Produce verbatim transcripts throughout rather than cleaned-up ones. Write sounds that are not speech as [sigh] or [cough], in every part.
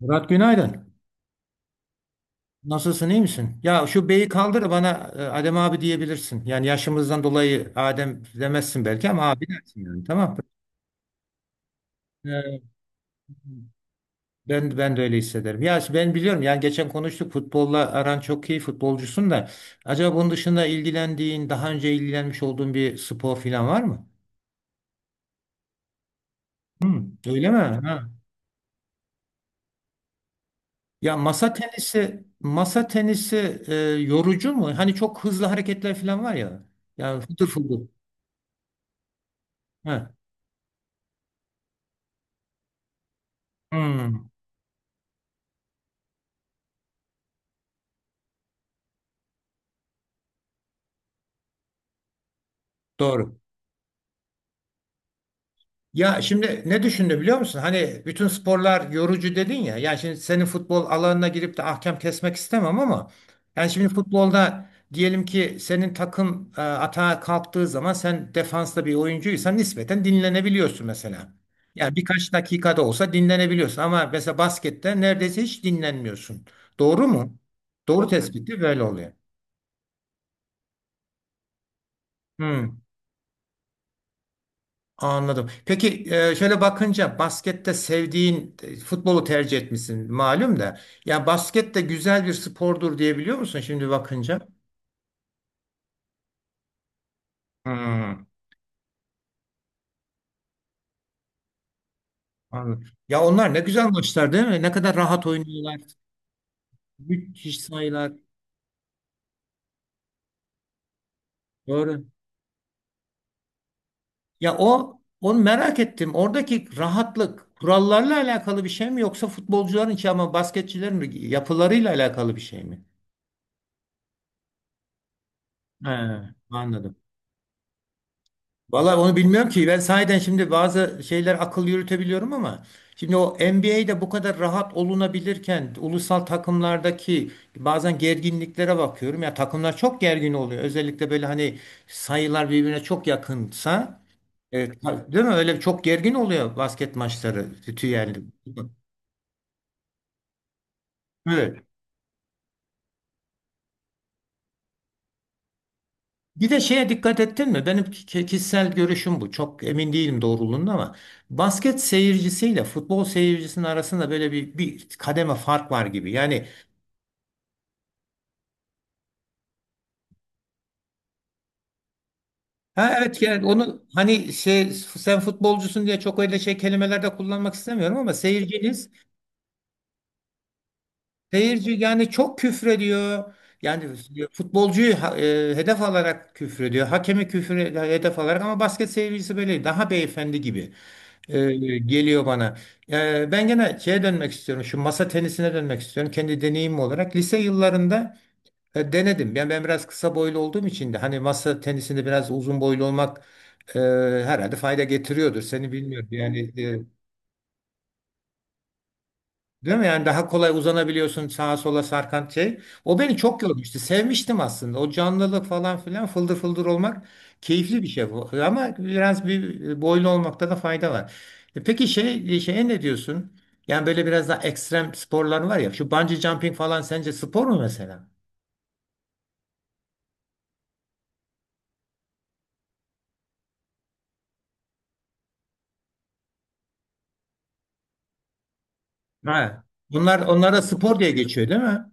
Murat günaydın. Nasılsın iyi misin? Ya şu beyi kaldır bana. e, Adem abi diyebilirsin. Yani yaşımızdan dolayı Adem demezsin belki ama abi dersin, yani tamam. Mı? E, ben ben de öyle hissederim. Ya işte ben biliyorum, yani geçen konuştuk, futbolla aran çok iyi, futbolcusun da acaba bunun dışında ilgilendiğin, daha önce ilgilenmiş olduğun bir spor falan var mı? Hı, öyle mi? Ha. Ya masa tenisi masa tenisi e, yorucu mu? Hani çok hızlı hareketler falan var ya. Yani fıtır fıtır. Ha. Hmm. Doğru. Ya şimdi ne düşündü biliyor musun? Hani bütün sporlar yorucu dedin ya. Yani şimdi senin futbol alanına girip de ahkam kesmek istemem ama yani şimdi futbolda diyelim ki senin takım e, atağa kalktığı zaman sen defansta bir oyuncuysan nispeten dinlenebiliyorsun mesela. Yani birkaç dakikada olsa dinlenebiliyorsun ama mesela baskette neredeyse hiç dinlenmiyorsun. Doğru mu? Doğru tespiti böyle oluyor. Hmm. Anladım. Peki e, şöyle bakınca baskette sevdiğin e, futbolu tercih etmişsin malum da. Ya basket de güzel bir spordur diyebiliyor musun şimdi bakınca? Hmm, anladım. Ya onlar ne güzel maçlar değil mi? Ne kadar rahat oynuyorlar. Müthiş sayılar. Doğru. Ya o onu merak ettim. Oradaki rahatlık kurallarla alakalı bir şey mi yoksa futbolcuların ki ama basketçilerin mi yapılarıyla alakalı bir şey mi? He, anladım. Vallahi onu bilmiyorum ki. Ben sahiden şimdi bazı şeyler akıl yürütebiliyorum ama şimdi o N B A'de bu kadar rahat olunabilirken ulusal takımlardaki bazen gerginliklere bakıyorum. Ya takımlar çok gergin oluyor. Özellikle böyle hani sayılar birbirine çok yakınsa. Evet. Değil mi? Öyle çok gergin oluyor basket maçları. Tüyelli. Evet. Bir de şeye dikkat ettin mi? Benim ki- kişisel görüşüm bu. Çok emin değilim doğruluğunda ama basket seyircisiyle futbol seyircisinin arasında böyle bir, bir kademe fark var gibi. Yani ha evet, yani onu hani şey, sen futbolcusun diye çok öyle şey kelimelerde kullanmak istemiyorum ama seyirciniz seyirci yani çok küfrediyor. Yani futbolcuyu ha- e, hedef alarak küfrediyor. Hakemi küfür hedef alarak, ama basket seyircisi böyle daha beyefendi gibi e, geliyor bana. E, ben gene şeye dönmek istiyorum. Şu masa tenisine dönmek istiyorum. Kendi deneyimim olarak lise yıllarında e, denedim. Yani ben biraz kısa boylu olduğum için de hani masa tenisinde biraz uzun boylu olmak e, herhalde fayda getiriyordur. Seni bilmiyorum. Yani değil mi? Yani daha kolay uzanabiliyorsun sağa sola sarkan şey. O beni çok yormuştu. Sevmiştim aslında. O canlılık falan filan, fıldır fıldır olmak keyifli bir şey bu. Ama biraz bir boylu olmakta da fayda var. E peki şey, e, şeye ne diyorsun? Yani böyle biraz daha ekstrem sporlar var ya. Şu bungee jumping falan sence spor mu mesela? Ha. Bunlar onlara spor diye geçiyor değil mi?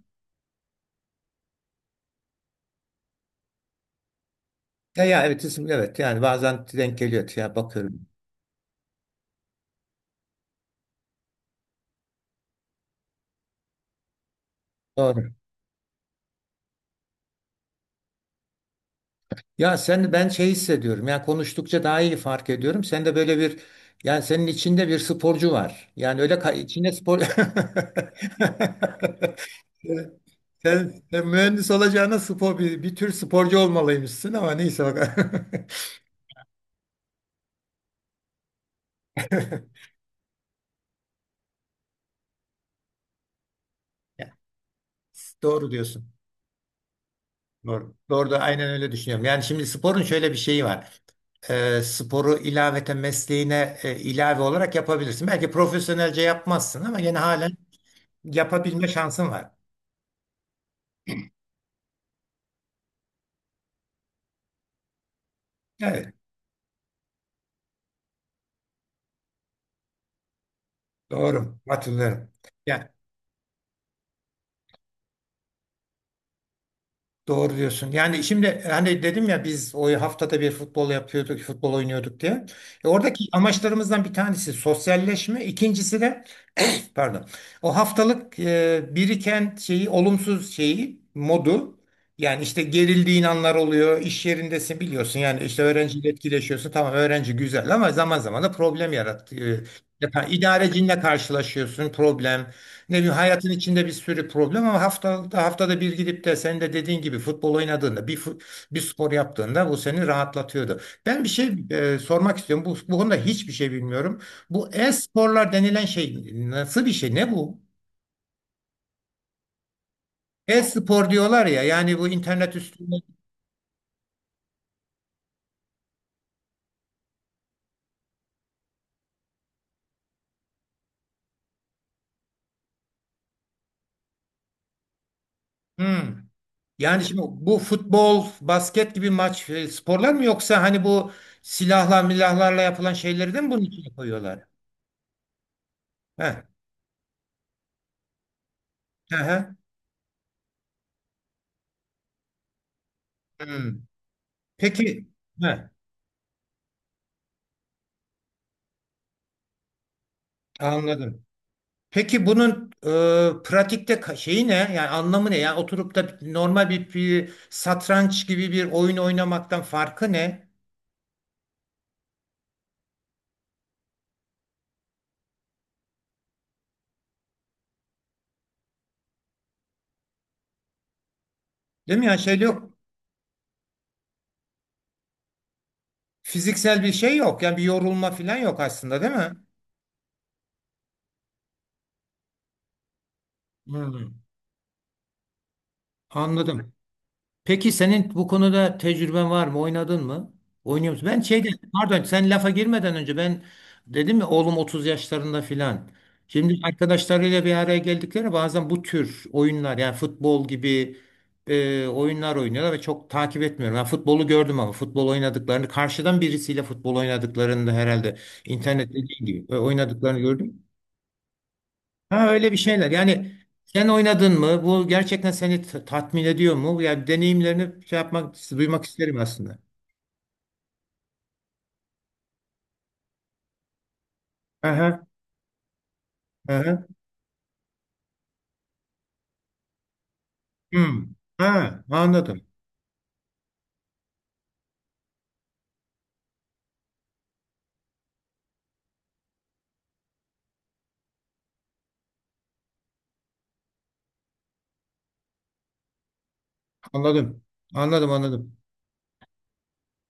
Ya, ya evet isim, evet yani bazen denk geliyor ya, bakıyorum. Doğru. Ya sen, ben şey hissediyorum. Yani konuştukça daha iyi fark ediyorum. Sen de böyle bir, yani senin içinde bir sporcu var. Yani öyle ka- içinde spor [laughs] sen, sen mühendis olacağına spor bir, bir tür sporcu olmalıymışsın ama neyse bak. [laughs] Ya, doğru diyorsun. Doğru. Doğru da aynen öyle düşünüyorum. Yani şimdi sporun şöyle bir şeyi var. Ee, sporu ilaveten mesleğine e, ilave olarak yapabilirsin. Belki profesyonelce yapmazsın ama yine halen yapabilme şansın var. Evet, doğru. Hatırlıyorum. Yani doğru diyorsun. Yani şimdi hani dedim ya biz o haftada bir futbol yapıyorduk, futbol oynuyorduk diye. E, oradaki amaçlarımızdan bir tanesi sosyalleşme, ikincisi de [clears throat] pardon. O haftalık e, biriken şeyi, olumsuz şeyi, modu, yani işte gerildiğin anlar oluyor. İş yerindesin biliyorsun. Yani işte öğrenciyle etkileşiyorsun. Tamam öğrenci güzel ama zaman zaman da problem yarattı. e, Yapan idarecinle karşılaşıyorsun, problem. Ne bileyim hayatın içinde bir sürü problem ama haftada haftada bir gidip de senin de dediğin gibi futbol oynadığında bir fut- bir spor yaptığında bu seni rahatlatıyordu. Ben bir şey e, sormak istiyorum. Bu, bu konuda hiçbir şey bilmiyorum. Bu e-sporlar denilen şey nasıl bir şey? Ne bu? E-spor diyorlar ya, yani bu internet üstünde. Hmm. Yani şimdi bu futbol, basket gibi maç e, sporlar mı yoksa hani bu silahla milahlarla yapılan şeyleri de mi bunun içine koyuyorlar? Heh. Hı hı. Hmm. Peki heh, anladım. Peki bunun e, pratikte ka- şeyi ne? Yani anlamı ne? Yani oturup da normal bir, bir satranç gibi bir oyun oynamaktan farkı ne? Değil mi? Yani şey yok. Fiziksel bir şey yok. Yani bir yorulma falan yok aslında, değil mi? Hmm, anladım. Peki senin bu konuda tecrüben var mı? Oynadın mı? Oynuyor musun? Ben şeyden, pardon sen lafa girmeden önce ben dedim ya, oğlum otuz yaşlarında filan. Şimdi arkadaşlarıyla bir araya geldikleri bazen bu tür oyunlar, yani futbol gibi e, oyunlar oynuyorlar ve çok takip etmiyorum. Ben futbolu gördüm ama futbol oynadıklarını, karşıdan birisiyle futbol oynadıklarını da, herhalde internette değil gibi e, oynadıklarını gördüm. Ha öyle bir şeyler. Yani sen oynadın mı? Bu gerçekten seni t- tatmin ediyor mu? Yani deneyimlerini şey yapmak, duymak isterim aslında. Aha, aha. Hmm. Ha, anladım. Anladım. Anladım, anladım.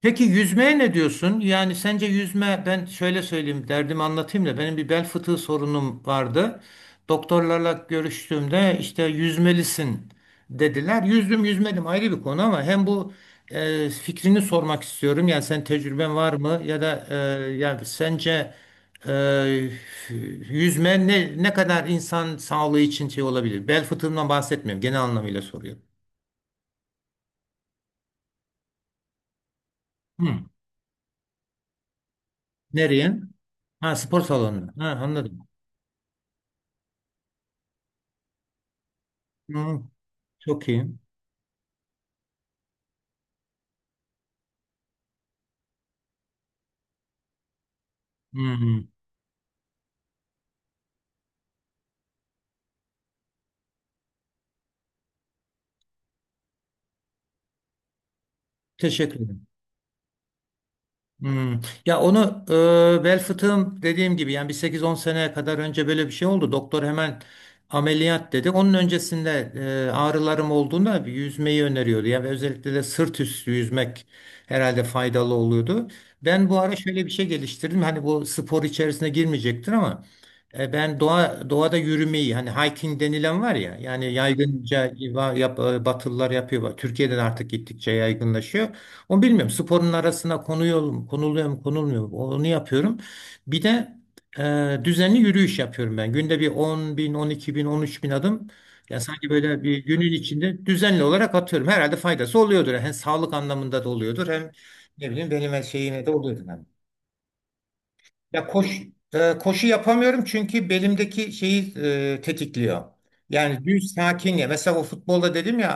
Peki yüzmeye ne diyorsun? Yani sence yüzme, ben şöyle söyleyeyim, derdimi anlatayım da, benim bir bel fıtığı sorunum vardı. Doktorlarla görüştüğümde işte yüzmelisin dediler. Yüzdüm yüzmedim ayrı bir konu ama hem bu e, fikrini sormak istiyorum. Yani sen, tecrüben var mı ya da e, yani sence e, yüzme ne, ne kadar insan sağlığı için şey olabilir? Bel fıtığından bahsetmiyorum, genel anlamıyla soruyorum. Hı. Nereye? Ha, spor salonu. Ha, anladım. Hı. Çok iyi. Hmm. Teşekkür ederim. Hmm. Ya onu e, bel fıtığım, dediğim gibi yani bir sekiz on sene kadar önce böyle bir şey oldu. Doktor hemen ameliyat dedi. Onun öncesinde e, ağrılarım olduğunda bir yüzmeyi öneriyordu. Yani özellikle de sırt üstü yüzmek herhalde faydalı oluyordu. Ben bu ara şöyle bir şey geliştirdim. Hani bu spor içerisine girmeyecektir ama e, ben doğa doğada yürümeyi, hani hiking denilen var ya, yani yaygınca yap- e, batılılar yapıyor. Türkiye'den artık gittikçe yaygınlaşıyor. Onu bilmiyorum. Sporun arasına konuyor mu, konuluyor mu, konulmuyor mu? Onu yapıyorum. Bir de e, düzenli yürüyüş yapıyorum ben. Günde bir on bin, on iki bin, on üç bin adım. Ya sanki böyle bir günün içinde düzenli olarak atıyorum. Herhalde faydası oluyordur. Hem sağlık anlamında da oluyordur. Hem ne bileyim, benim her şeyime de oluyordur. Ya koş, e, Koşu yapamıyorum çünkü belimdeki şeyi e, tetikliyor. Yani düz sakin ya. Mesela o futbolda dedim ya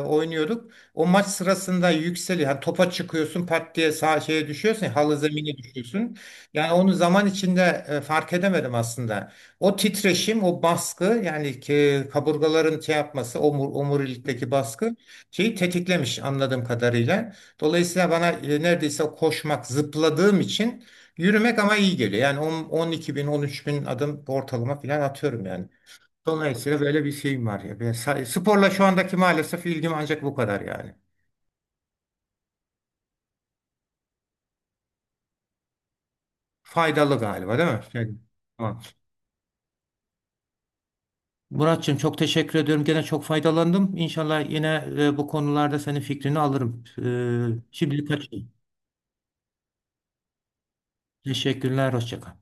e, oynuyorduk. O maç sırasında yükseliyor. Yani topa çıkıyorsun, pat diye sağ şeye düşüyorsun. Halı zemine düşüyorsun. Yani onu zaman içinde e, fark edemedim aslında. O titreşim, o baskı, yani ki kaburgaların şey yapması, omur, omurilikteki baskı şeyi tetiklemiş anladığım kadarıyla. Dolayısıyla bana e, neredeyse koşmak, zıpladığım için. Yürümek ama iyi geliyor. Yani on, on iki bin, on üç bin adım ortalama falan atıyorum yani. Dolayısıyla böyle bir şeyim var ya. Böyle sa- sporla şu andaki maalesef ilgim ancak bu kadar yani. Faydalı galiba değil mi? Yani, tamam. Muratçığım çok teşekkür ediyorum. Gene çok faydalandım. İnşallah yine e, bu konularda senin fikrini alırım. E, şimdilik kaçayım. Teşekkürler. Hoşça kal.